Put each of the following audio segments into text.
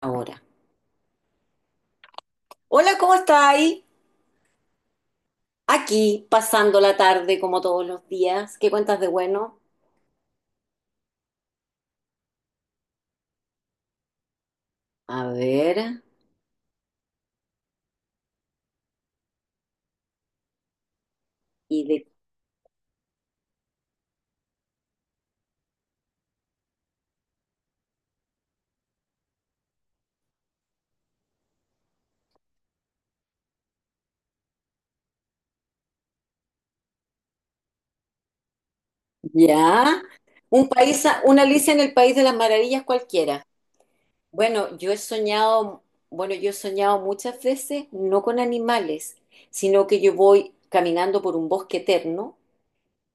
Ahora. Hola, ¿cómo estáis? Aquí, pasando la tarde como todos los días. ¿Qué cuentas de bueno? A ver, y de ya. Un país, una Alicia en el País de las Maravillas cualquiera. Bueno, yo he soñado, bueno, yo he soñado muchas veces, no con animales, sino que yo voy caminando por un bosque eterno.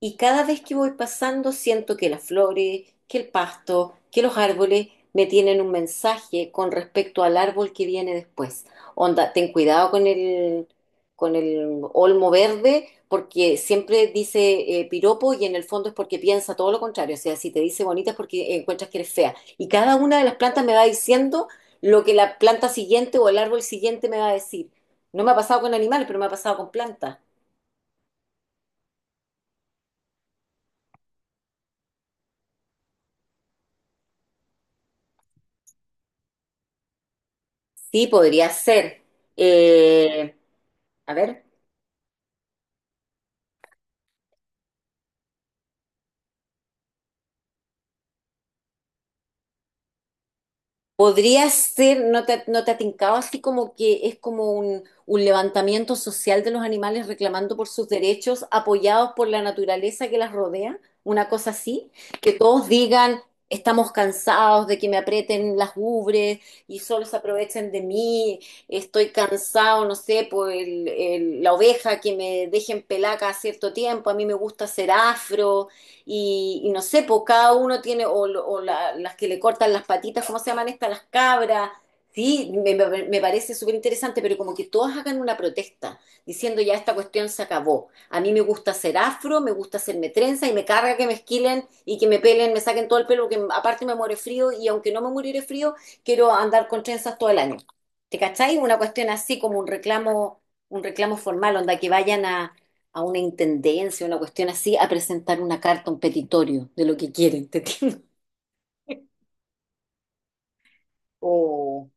Y cada vez que voy pasando siento que las flores, que el pasto, que los árboles me tienen un mensaje con respecto al árbol que viene después. Onda, ten cuidado con el olmo verde porque siempre dice piropo y en el fondo es porque piensa todo lo contrario. O sea, si te dice bonita es porque encuentras que eres fea. Y cada una de las plantas me va diciendo lo que la planta siguiente o el árbol siguiente me va a decir. No me ha pasado con animales, pero me ha pasado con plantas. Sí, podría ser. Eh, a ver, podría ser, ¿ no te ha tincado así como que es como un levantamiento social de los animales reclamando por sus derechos, apoyados por la naturaleza que las rodea? Una cosa así, que todos digan, estamos cansados de que me aprieten las ubres y solo se aprovechen de mí, estoy cansado, no sé, por la oveja que me dejen pelaca a cierto tiempo, a mí me gusta ser afro. Y no sé, pues cada uno tiene, o las que le cortan las patitas, ¿cómo se llaman estas? Las cabras. Sí, me parece súper interesante, pero como que todas hagan una protesta, diciendo ya esta cuestión se acabó. A mí me gusta ser afro, me gusta hacerme trenza y me carga que me esquilen y que me pelen, me saquen todo el pelo, porque aparte me muere frío y aunque no me muere frío, quiero andar con trenzas todo el año. ¿Te cacháis? Una cuestión así como un reclamo formal, onda que vayan a una intendencia, una cuestión así, a presentar una carta, un petitorio de lo que quieren, ¿te entiendes? O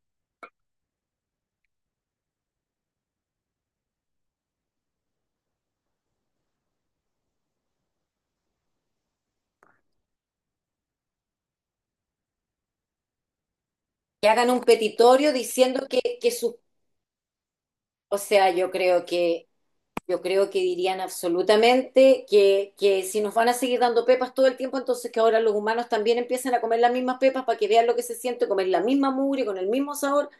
que hagan un petitorio diciendo que su, o sea, yo creo que dirían absolutamente que si nos van a seguir dando pepas todo el tiempo, entonces que ahora los humanos también empiecen a comer las mismas pepas para que vean lo que se siente, comer la misma mugre con el mismo sabor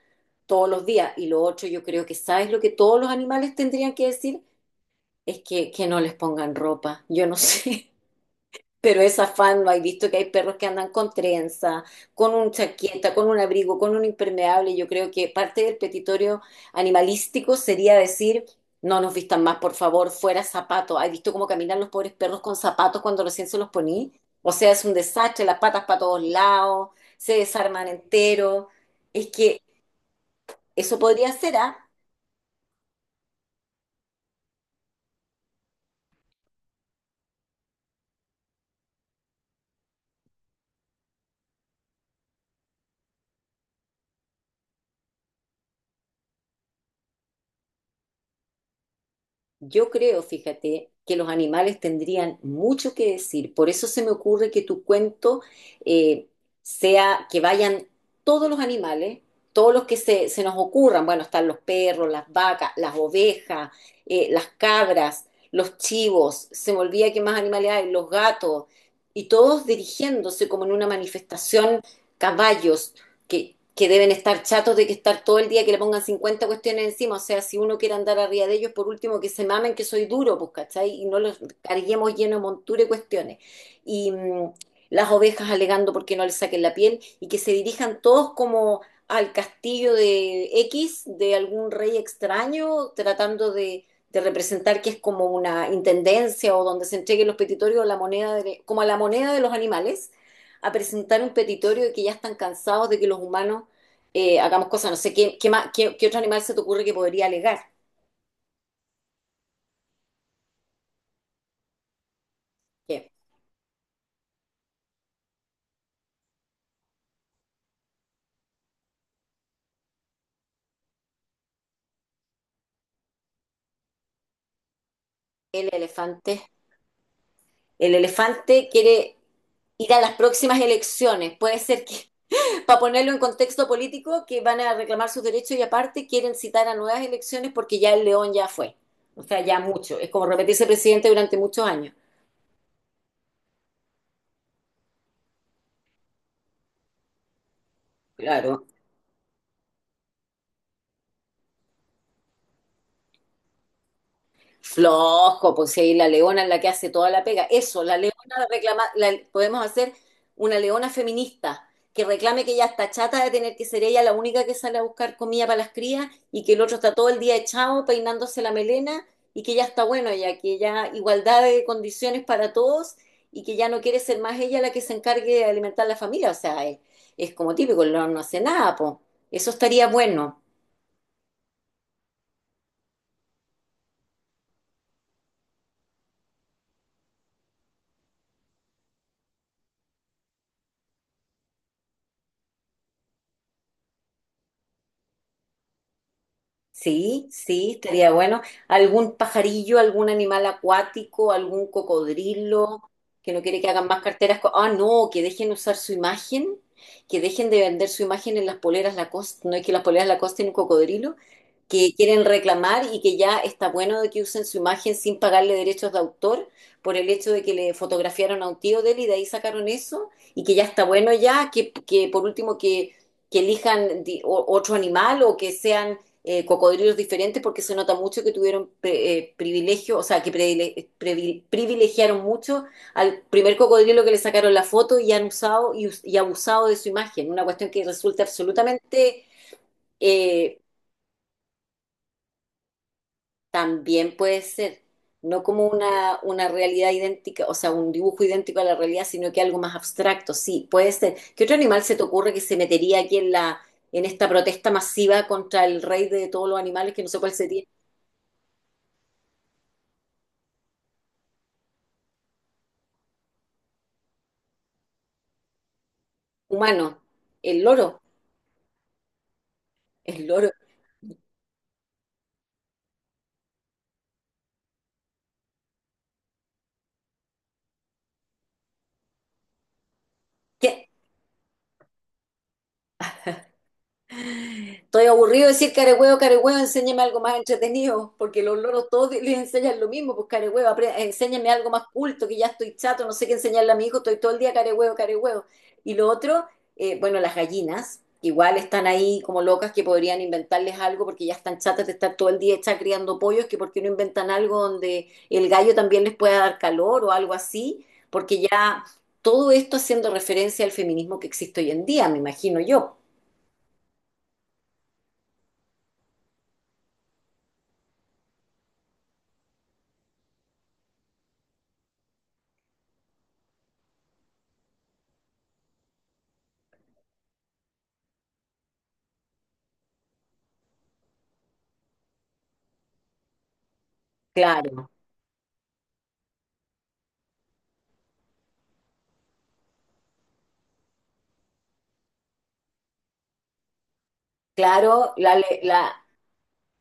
todos los días. Y lo otro, yo creo que, ¿sabes lo que todos los animales tendrían que decir? Que no les pongan ropa. Yo no sé. Pero es afán, ¿no hay visto que hay perros que andan con trenza, con un chaqueta, con un abrigo, con un impermeable? Yo creo que parte del petitorio animalístico sería decir, no nos vistan más, por favor, fuera zapato. ¿Hay visto cómo caminan los pobres perros con zapatos cuando recién se los poní? O sea, es un desastre, las patas para todos lados, se desarman entero. Es que eso podría ser, ¿ah? Yo creo, fíjate, que los animales tendrían mucho que decir. Por eso se me ocurre que tu cuento eh, sea que vayan todos los animales, todos los que se nos ocurran. Bueno, están los perros, las vacas, las ovejas, las cabras, los chivos, se me olvida que más animales hay, los gatos, y todos dirigiéndose como en una manifestación, caballos, que deben estar chatos de que estar todo el día que le pongan 50 cuestiones encima. O sea, si uno quiere andar arriba de ellos, por último, que se mamen que soy duro, pues, ¿cachai? Y no los carguemos lleno de montura y cuestiones. Y las ovejas alegando porque no les saquen la piel y que se dirijan todos como al castillo de X, de algún rey extraño, tratando de representar que es como una intendencia o donde se entreguen los petitorios, la como a la moneda de los animales a presentar un petitorio de que ya están cansados de que los humanos hagamos cosas. No sé, ¿ qué otro animal se te ocurre que podría alegar? ¿Qué? El elefante. El elefante quiere ir a las próximas elecciones. Puede ser que, para ponerlo en contexto político, que van a reclamar sus derechos y aparte quieren citar a nuevas elecciones porque ya el león ya fue. O sea, ya mucho. Es como repetirse presidente durante muchos años. Claro. Flojo, pues si ahí la leona es la que hace toda la pega. Eso, la leona reclama, podemos hacer una leona feminista que reclame que ella está chata de tener que ser ella la única que sale a buscar comida para las crías y que el otro está todo el día echado peinándose la melena y que ya está bueno ya, que ya igualdad de condiciones para todos y que ya no quiere ser más ella la que se encargue de alimentar la familia. O sea, es como típico, el león no hace nada, pues. Eso estaría bueno. Sí, sí, estaría bueno. ¿Algún pajarillo, algún animal acuático, algún cocodrilo que no quiere que hagan más carteras? Ah, no, que dejen usar su imagen, que dejen de vender su imagen en las poleras Lacoste. No, es que las poleras Lacoste tienen un cocodrilo, que quieren reclamar y que ya está bueno de que usen su imagen sin pagarle derechos de autor por el hecho de que le fotografiaron a un tío de él y de ahí sacaron eso y que ya está bueno ya, que por último que elijan otro animal o que sean cocodrilos diferentes porque se nota mucho que tuvieron privilegio, o sea, que privilegiaron mucho al primer cocodrilo que le sacaron la foto y han usado y y abusado de su imagen, una cuestión que resulta absolutamente eh, también puede ser, no como una realidad idéntica, o sea, un dibujo idéntico a la realidad, sino que algo más abstracto, sí, puede ser. ¿Qué otro animal se te ocurre que se metería aquí en esta protesta masiva contra el rey de todos los animales que no sé cuál sería? Humano, el loro, el loro. ¿Qué- Estoy aburrido de decir carehuevo, carehuevo, enséñame algo más entretenido, porque los loros todos les enseñan lo mismo, pues carehuevo, enséñame algo más culto, que ya estoy chato, no sé qué enseñarle a mi hijo, estoy todo el día carehuevo, carehuevo. Y lo otro, bueno, las gallinas, que igual están ahí como locas que podrían inventarles algo porque ya están chatas de estar todo el día hechas criando pollos, que por qué no inventan algo donde el gallo también les pueda dar calor o algo así, porque ya todo esto haciendo referencia al feminismo que existe hoy en día, me imagino yo. Claro. Claro,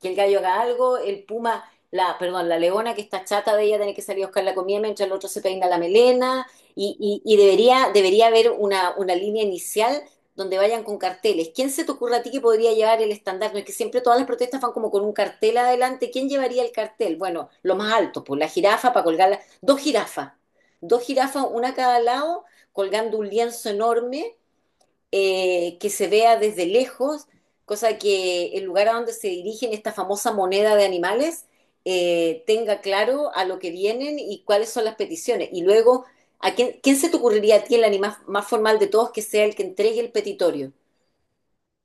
que el gallo haga algo, el puma, la, perdón, la leona que está chata de ella tiene que salir a buscar la comida mientras el otro se peina la melena y, y debería, debería haber una línea inicial donde vayan con carteles. ¿Quién se te ocurre a ti que podría llevar el estandarte? No, es que siempre todas las protestas van como con un cartel adelante. ¿Quién llevaría el cartel? Bueno, lo más alto, pues la jirafa para colgarla, dos jirafas, una a cada lado, colgando un lienzo enorme que se vea desde lejos, cosa que el lugar a donde se dirigen esta famosa moneda de animales tenga claro a lo que vienen y cuáles son las peticiones. Y luego, ¿ quién se te ocurriría a ti el animal más formal de todos que sea el que entregue el petitorio?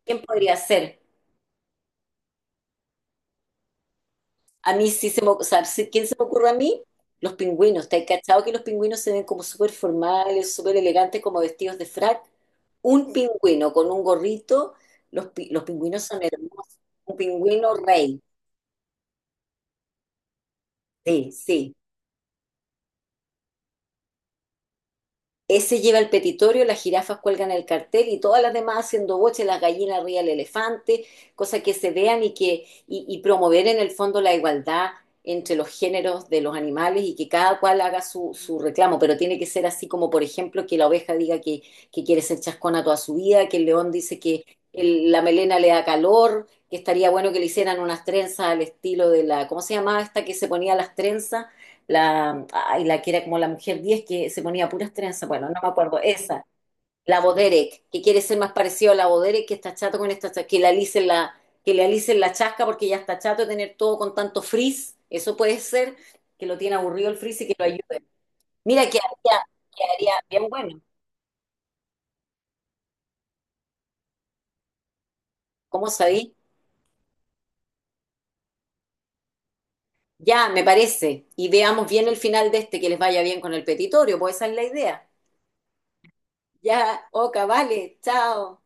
¿Quién podría ser? A mí sí se me, o sea, sí, ¿quién se me ocurre a mí? Los pingüinos. ¿Te has cachado que los pingüinos se ven como súper formales, súper elegantes, como vestidos de frac? Un pingüino con un gorrito, los pingüinos son hermosos. Un pingüino rey. Sí, sí. Ese lleva el petitorio, las jirafas cuelgan el cartel y todas las demás haciendo boche, las gallinas arriba del elefante, cosas que se vean y que y promover en el fondo la igualdad entre los géneros de los animales y que cada cual haga su reclamo, pero tiene que ser así como, por ejemplo, que la oveja diga que quiere ser chascona toda su vida, que el león dice que la melena le da calor, que estaría bueno que le hicieran unas trenzas al estilo de la, ¿cómo se llamaba esta que se ponía las trenzas? La, ay, la que era como la mujer 10 que se ponía puras trenzas, bueno, no me acuerdo, esa, la Boderek, que quiere ser más parecido a la Boderek, que está chato con esta, que le alicen la, que le alicen la chasca porque ya está chato de tener todo con tanto frizz, eso puede ser, que lo tiene aburrido el frizz y que lo ayude. Mira, que haría bien bueno, ¿cómo sabí? Ya, me parece, y veamos bien el final de este, que les vaya bien con el petitorio, pues esa es la idea. Ya, Oca, vale, chao.